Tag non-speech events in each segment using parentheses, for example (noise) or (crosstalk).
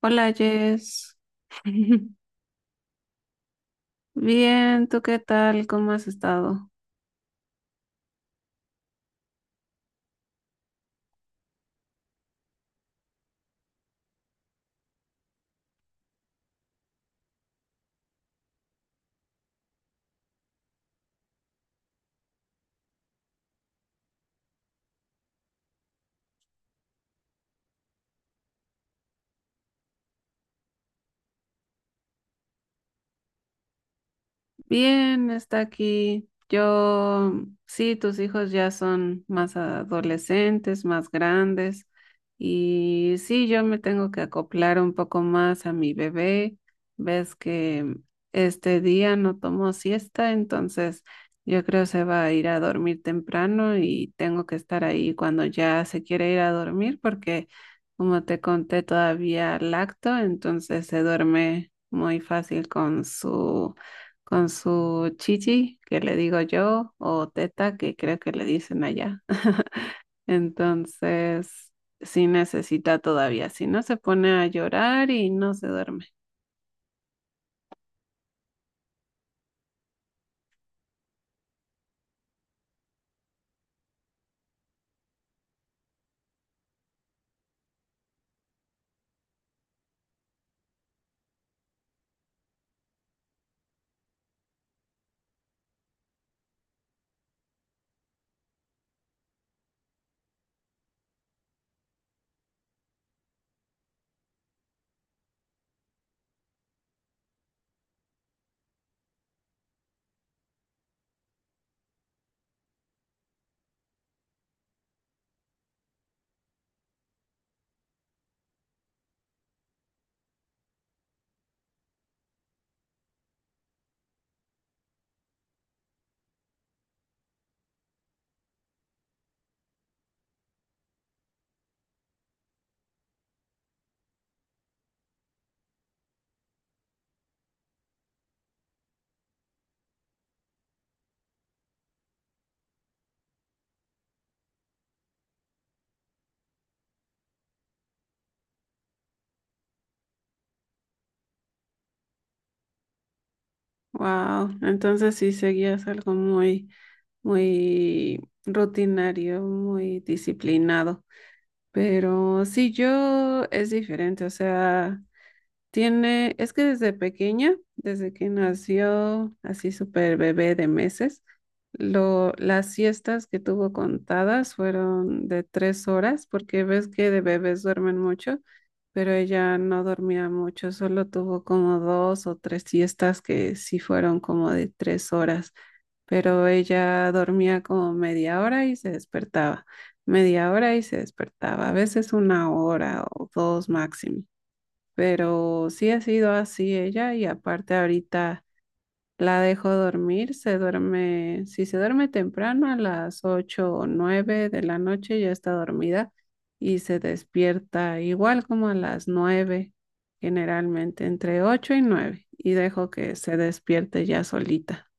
Hola Jess. (laughs) Bien, ¿tú qué tal? ¿Cómo has estado? Bien, está aquí. Yo, sí, tus hijos ya son más adolescentes, más grandes. Y sí, yo me tengo que acoplar un poco más a mi bebé. Ves que este día no tomó siesta, entonces yo creo se va a ir a dormir temprano y tengo que estar ahí cuando ya se quiere ir a dormir porque, como te conté, todavía lacto, entonces se duerme muy fácil con su chichi, que le digo yo, o teta, que creo que le dicen allá. (laughs) Entonces, sí necesita todavía, si no se pone a llorar y no se duerme. Wow, entonces sí seguías algo muy, muy rutinario, muy disciplinado. Pero sí, yo es diferente, o sea, es que desde pequeña, desde que nació, así súper bebé de meses, las siestas que tuvo contadas fueron de 3 horas, porque ves que de bebés duermen mucho, pero ella no dormía mucho, solo tuvo como dos o tres siestas que sí fueron como de 3 horas, pero ella dormía como media hora y se despertaba, media hora y se despertaba, a veces una hora o dos máximo, pero sí ha sido así ella. Y aparte ahorita la dejo dormir, se duerme, si se duerme temprano a las 8 o 9 de la noche ya está dormida y se despierta igual como a las 9, generalmente entre 8 y 9, y dejo que se despierte ya solita.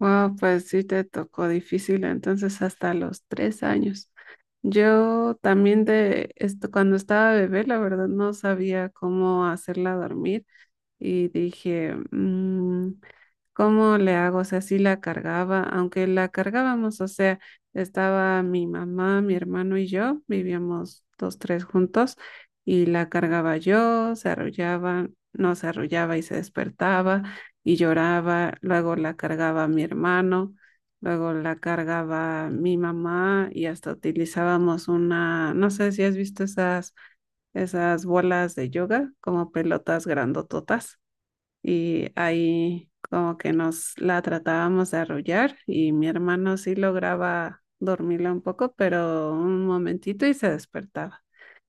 Ah, pues sí te tocó difícil, entonces hasta los 3 años. Yo también de esto, cuando estaba bebé, la verdad no sabía cómo hacerla dormir y dije, "Mm, ¿cómo le hago?". O sea, sí la cargaba, aunque la cargábamos, o sea, estaba mi mamá, mi hermano y yo, vivíamos dos tres juntos y la cargaba yo, se arrullaba, no se arrullaba y se despertaba y lloraba, luego la cargaba mi hermano, luego la cargaba mi mamá y hasta utilizábamos una, no sé si has visto esas, esas bolas de yoga como pelotas grandototas y ahí como que nos la tratábamos de arrullar y mi hermano sí lograba dormirla un poco, pero un momentito y se despertaba.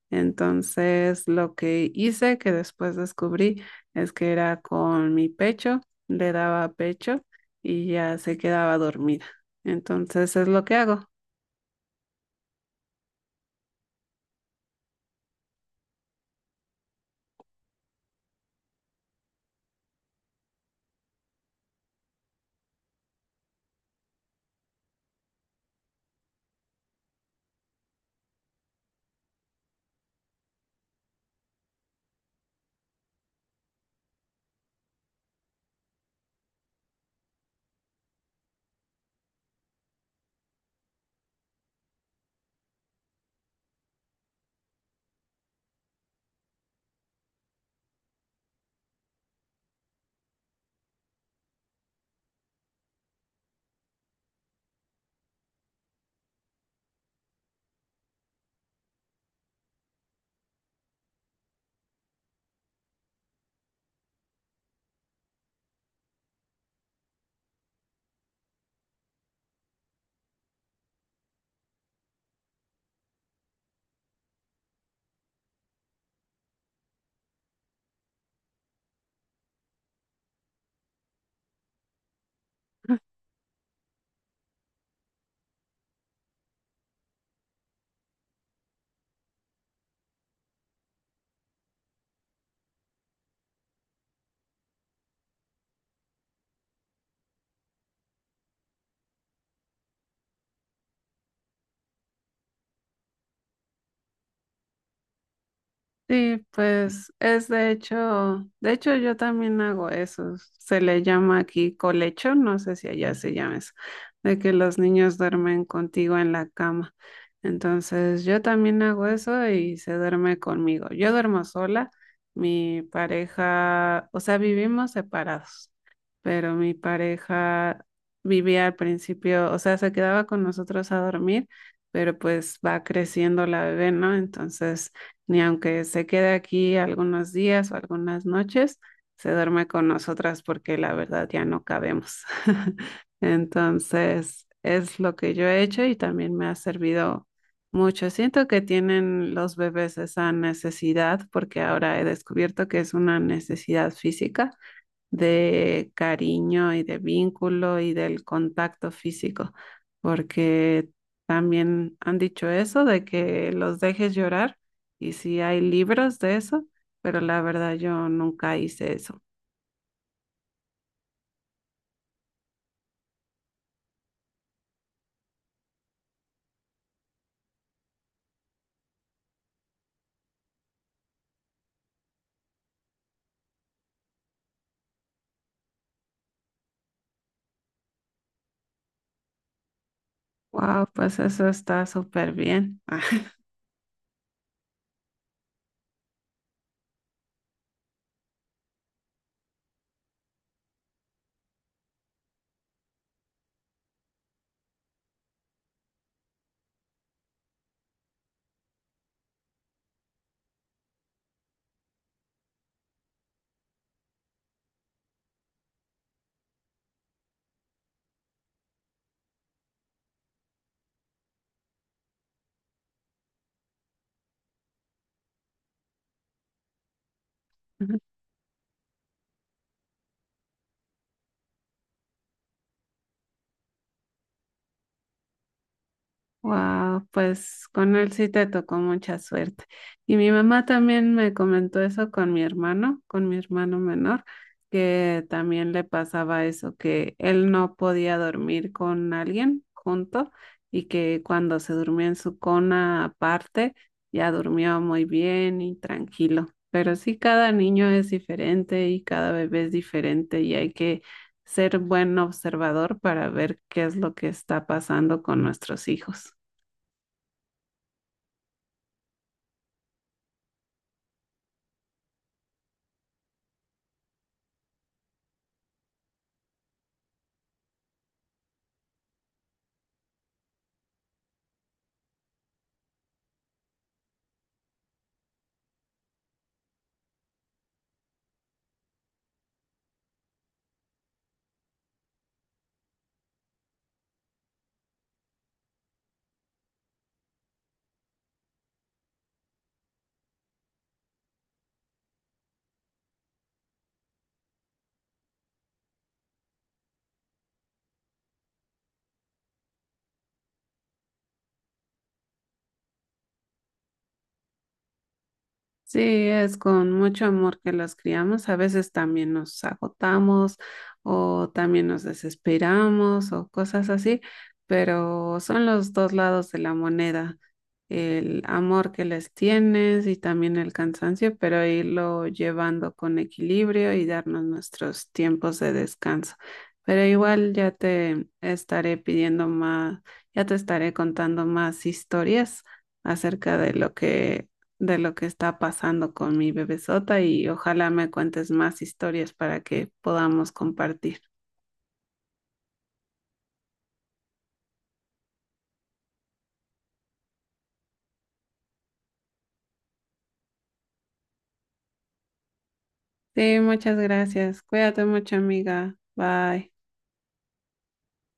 Entonces lo que hice, que después descubrí, es que era con mi pecho, le daba pecho y ya se quedaba dormida. Entonces es lo que hago. Sí, pues es de hecho yo también hago eso. Se le llama aquí colecho, no sé si allá se llama eso, de que los niños duermen contigo en la cama. Entonces yo también hago eso y se duerme conmigo. Yo duermo sola, mi pareja, o sea, vivimos separados, pero mi pareja vivía al principio, o sea, se quedaba con nosotros a dormir, pero pues va creciendo la bebé, ¿no? Entonces ni aunque se quede aquí algunos días o algunas noches, se duerme con nosotras porque la verdad ya no cabemos. (laughs) Entonces, es lo que yo he hecho y también me ha servido mucho. Siento que tienen los bebés esa necesidad porque ahora he descubierto que es una necesidad física de cariño y de vínculo y del contacto físico, porque también han dicho eso de que los dejes llorar y sí hay libros de eso, pero la verdad yo nunca hice eso. Wow, pues eso está súper bien. (laughs) Wow, pues con él sí te tocó mucha suerte. Y mi mamá también me comentó eso con mi hermano menor, que también le pasaba eso, que él no podía dormir con alguien junto y que cuando se durmió en su cona aparte, ya durmió muy bien y tranquilo. Pero sí, cada niño es diferente y cada bebé es diferente y hay que ser buen observador para ver qué es lo que está pasando con nuestros hijos. Sí, es con mucho amor que los criamos. A veces también nos agotamos o también nos desesperamos o cosas así, pero son los dos lados de la moneda, el amor que les tienes y también el cansancio, pero irlo llevando con equilibrio y darnos nuestros tiempos de descanso. Pero igual ya te estaré pidiendo más, ya te estaré contando más historias acerca de lo que está pasando con mi bebesota y ojalá me cuentes más historias para que podamos compartir. Sí, muchas gracias. Cuídate mucho, amiga. Bye.